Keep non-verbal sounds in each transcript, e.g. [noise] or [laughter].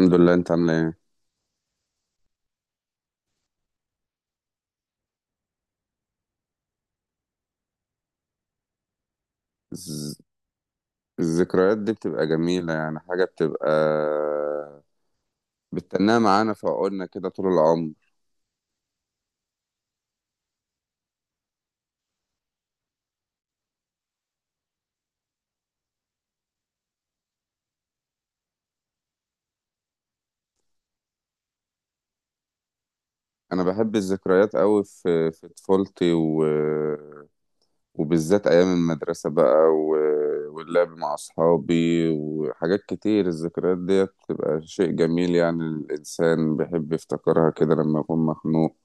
الحمد لله، انت عامل ايه؟ الز- الذكريات دي بتبقى جميلة، يعني حاجة بتبقى بتتناها معانا في عقولنا كده طول العمر. انا بحب الذكريات قوي في طفولتي وبالذات ايام المدرسة بقى، واللعب مع اصحابي وحاجات كتير. الذكريات دي بتبقى شيء جميل، يعني الانسان بيحب يفتكرها كده لما يكون مخنوق.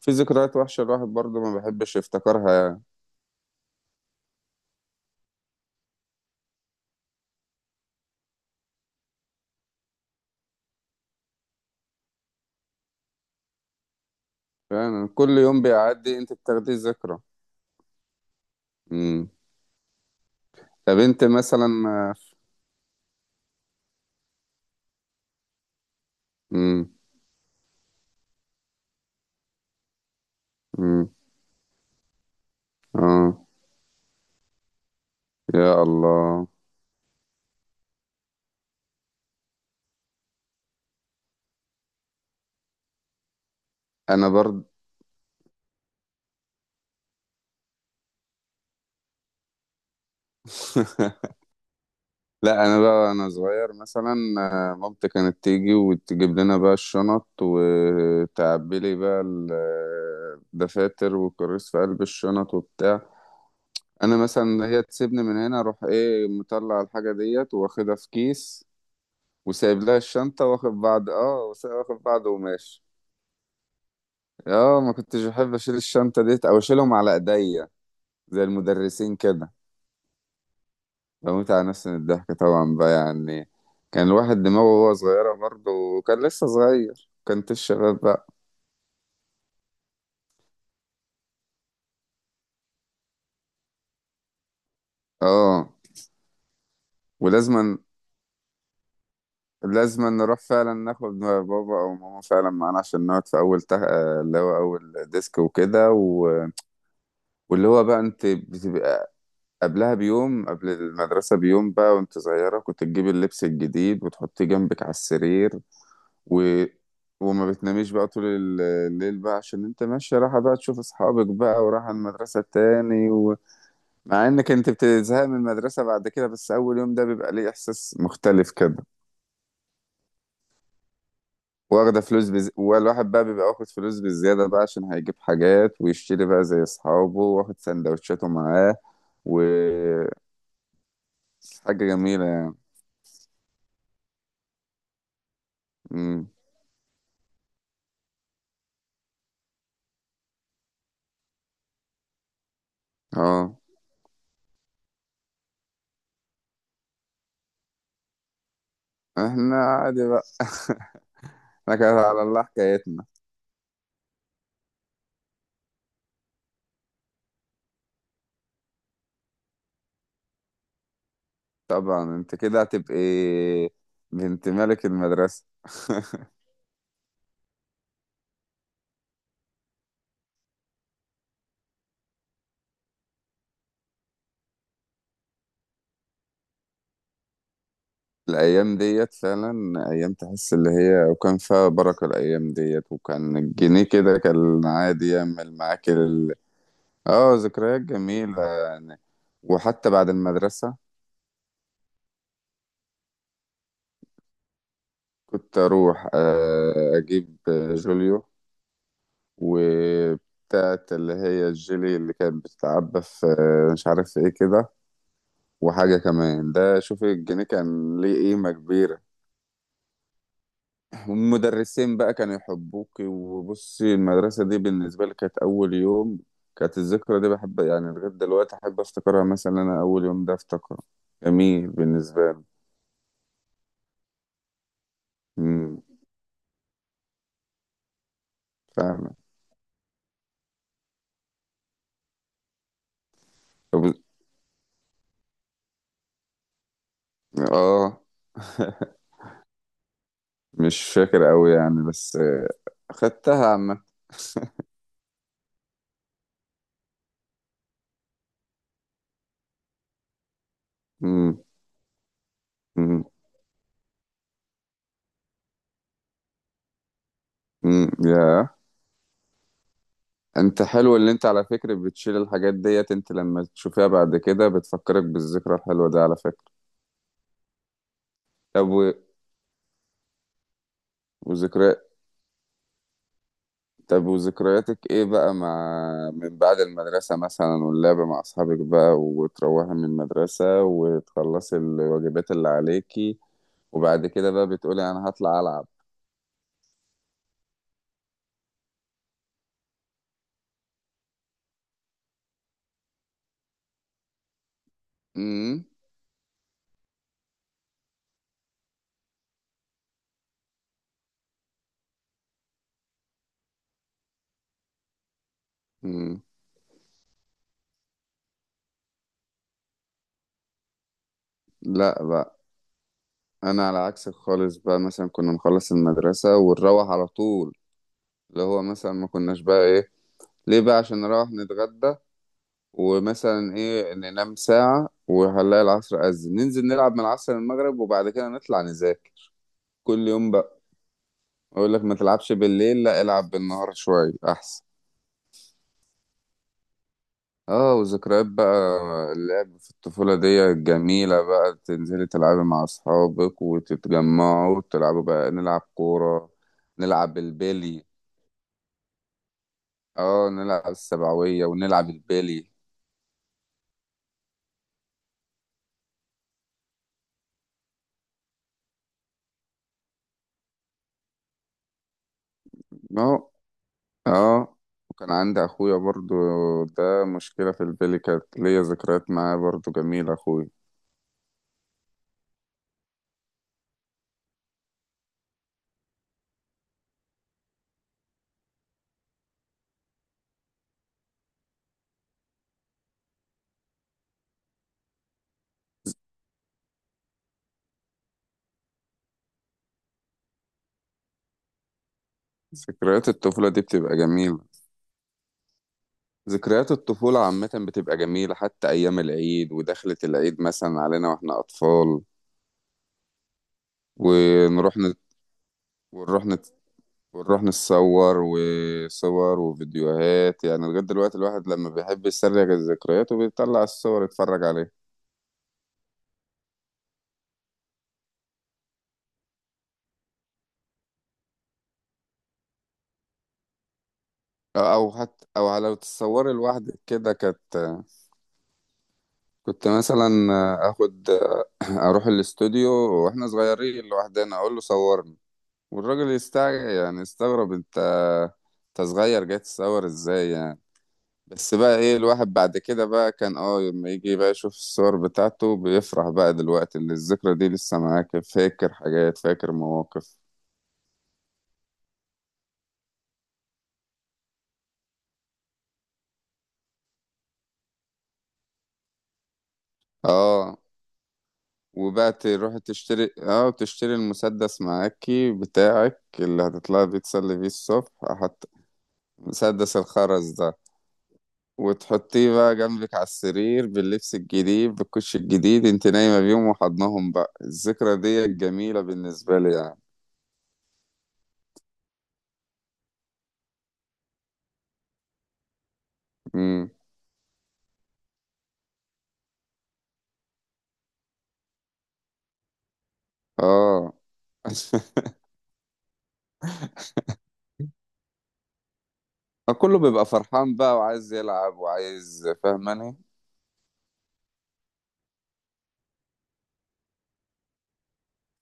في ذكريات وحشة الواحد برضه ما بيحبش يفتكرها يعني. يعني كل يوم بيعدي انت بتاخديه ذكرى. طب انت مثلا. امم. امم. اه. يا الله. انا برضه. [laughs] لا، انا بقى انا صغير مثلا، مامتي كانت تيجي وتجيب لنا بقى الشنط وتعبي لي بقى الدفاتر والكراسي في قلب الشنط وبتاع. انا مثلا هي تسيبني من هنا اروح ايه مطلع الحاجه ديت واخدها في كيس، وسايب لها الشنطه واخد بعض، اه، واخد بعض وماشي. اه، ما كنتش بحب اشيل الشنطه ديت او اشيلهم على ايديا زي المدرسين كده. بموت على نفسي من الضحك طبعا بقى، يعني كان الواحد دماغه وهو صغيرة برضه، وكان لسه صغير، كانت الشباب بقى. اه. ولازما. لازما نروح فعلا ناخد بابا او ماما فعلا معانا عشان نقعد في اللي هو اول ديسك وكده، واللي هو بقى انت بتبقى قبلها بيوم، قبل المدرسة بيوم بقى، وانت صغيرة كنت تجيبي اللبس الجديد وتحطيه جنبك على السرير و... وما بتناميش بقى طول الليل بقى، عشان انت ماشية رايحة بقى تشوف اصحابك بقى ورايحة المدرسة تاني. مع انك انت بتزهق من المدرسة بعد كده، بس اول يوم ده بيبقى ليه احساس مختلف كده. والواحد بقى بيبقى واخد فلوس بالزيادة بقى عشان هيجيب حاجات ويشتري بقى زي اصحابه، واخد سندوتشاته معاه وحاجة جميلة يعني. مم. اه. احنا عادي بقى. [laughs] احنا كده على الله حكايتنا. طبعا انت كده هتبقي بنت ملك المدرسة. [laughs] الأيام ديت فعلا أيام، تحس اللي هي وكان فيها بركة الأيام ديت، وكان الجنيه كده كان عادي يعمل معاك. اه، ذكريات جميلة يعني، وحتى بعد المدرسة كنت أروح أجيب جوليو وبتاعت اللي هي الجيلي اللي كانت بتتعبى في، مش عارف ايه كده. وحاجة كمان، ده شوفي الجنيه كان ليه قيمة كبيرة، والمدرسين بقى كانوا يحبوك. وبصي المدرسة دي بالنسبة لي، كانت أول يوم كانت الذكرى دي بحب يعني لغاية دلوقتي أحب أفتكرها، مثلا أنا أول يوم ده أفتكره جميل بالنسبة لي. أمم، فعلا. طب. آه. مش فاكر أوي يعني، بس خدتها عامة. أمم. أمم. أمم، يا أنت حلو اللي أنت على فكرة بتشيل الحاجات ديت، أنت لما تشوفها بعد كده بتفكرك بالذكرى الحلوة دي على فكرة. طب و- وذكريات. طب وذكرياتك ايه بقى مع من بعد المدرسة مثلا؟ واللعب مع اصحابك بقى، وتروحي من المدرسة وتخلصي الواجبات اللي عليكي وبعد كده بقى بتقولي انا هطلع العب. امم. أمم. لا بقى، انا على عكسك خالص بقى. مثلا كنا نخلص المدرسة ونروح على طول، اللي هو مثلا ما كناش بقى ايه، ليه بقى؟ عشان نروح نتغدى ومثلا ايه ننام ساعة، وهنلاقي العصر أذن ننزل نلعب من العصر للمغرب، وبعد كده نطلع نذاكر، كل يوم. اقول لك ما تلعبش بالليل، لا العب بالنهار شوية احسن. اه، وذكريات بقى اللعب في الطفولة دي جميلة بقى، تنزلي تلعبي مع اصحابك وتتجمعوا وتلعبوا بقى، نلعب كورة، نلعب البيلي. اه، نلعب السبعوية ونلعب البيلي. اه. اه، وكان عندي اخويا برضو، ده مشكلة في البيلي كانت ليا ذكريات معاه برضو جميلة، اخويا. ذكريات الطفولة دي بتبقى جميلة. ذكريات الطفولة عامة بتبقى جميلة، حتى أيام العيد ودخلة العيد مثلا علينا وإحنا أطفال، ونروح نت... ونروح نت... ونروح نتصور وصور وفيديوهات، يعني لغاية دلوقتي الواحد لما بيحب يسرق الذكريات وبيطلع الصور يتفرج عليها. أو حتى أو لو تتصوري لوحدك كده، كانت كنت مثلا آخد [coughs] [clears throat] أروح الاستوديو وإحنا صغيرين لوحدنا أقول له صورني، والراجل يستع يعني يستغرب، أنت أنت صغير جاي تصور إزاي يعني؟ بس بقى ايه، الواحد بعد كده بقى كان اه لما يجي بقى يشوف الصور بتاعته بيفرح بقى دلوقتي، اللي الذكرى دي لسه معاك، فاكر حاجات، فاكر مواقف. اه، وبقى تروح تشتري، اه، تشتري المسدس معاكي بتاعك اللي هتطلعي بيه تسلي بيه الصبح، حط مسدس الخرز ده وتحطيه بقى جنبك على السرير باللبس الجديد بالكوش الجديد، انت نايمة بيهم وحضنهم بقى، الذكرى دي الجميلة بالنسبة لي يعني. امم. اه. [laughs] كله بيبقى فرحان بقى وعايز يلعب وعايز، فاهماني؟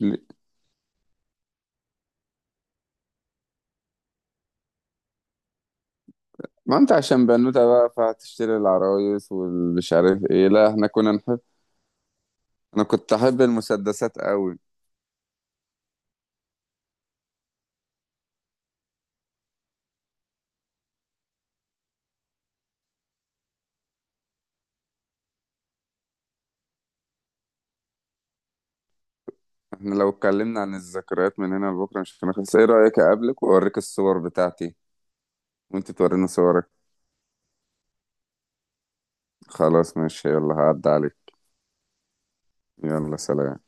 ل- ما انت عشان بنوتة بقى فهتشتري العرايس والمش عارف ايه، لا احنا كنا نحب، انا كنت احب المسدسات قوي. احنا لو اتكلمنا عن الذكريات من هنا لبكره مش هنخلص، ايه رأيك اقابلك واوريك الصور بتاعتي وانت توريني صورك؟ خلاص، ماشي، يلا هعدي عليك. يلا سلام.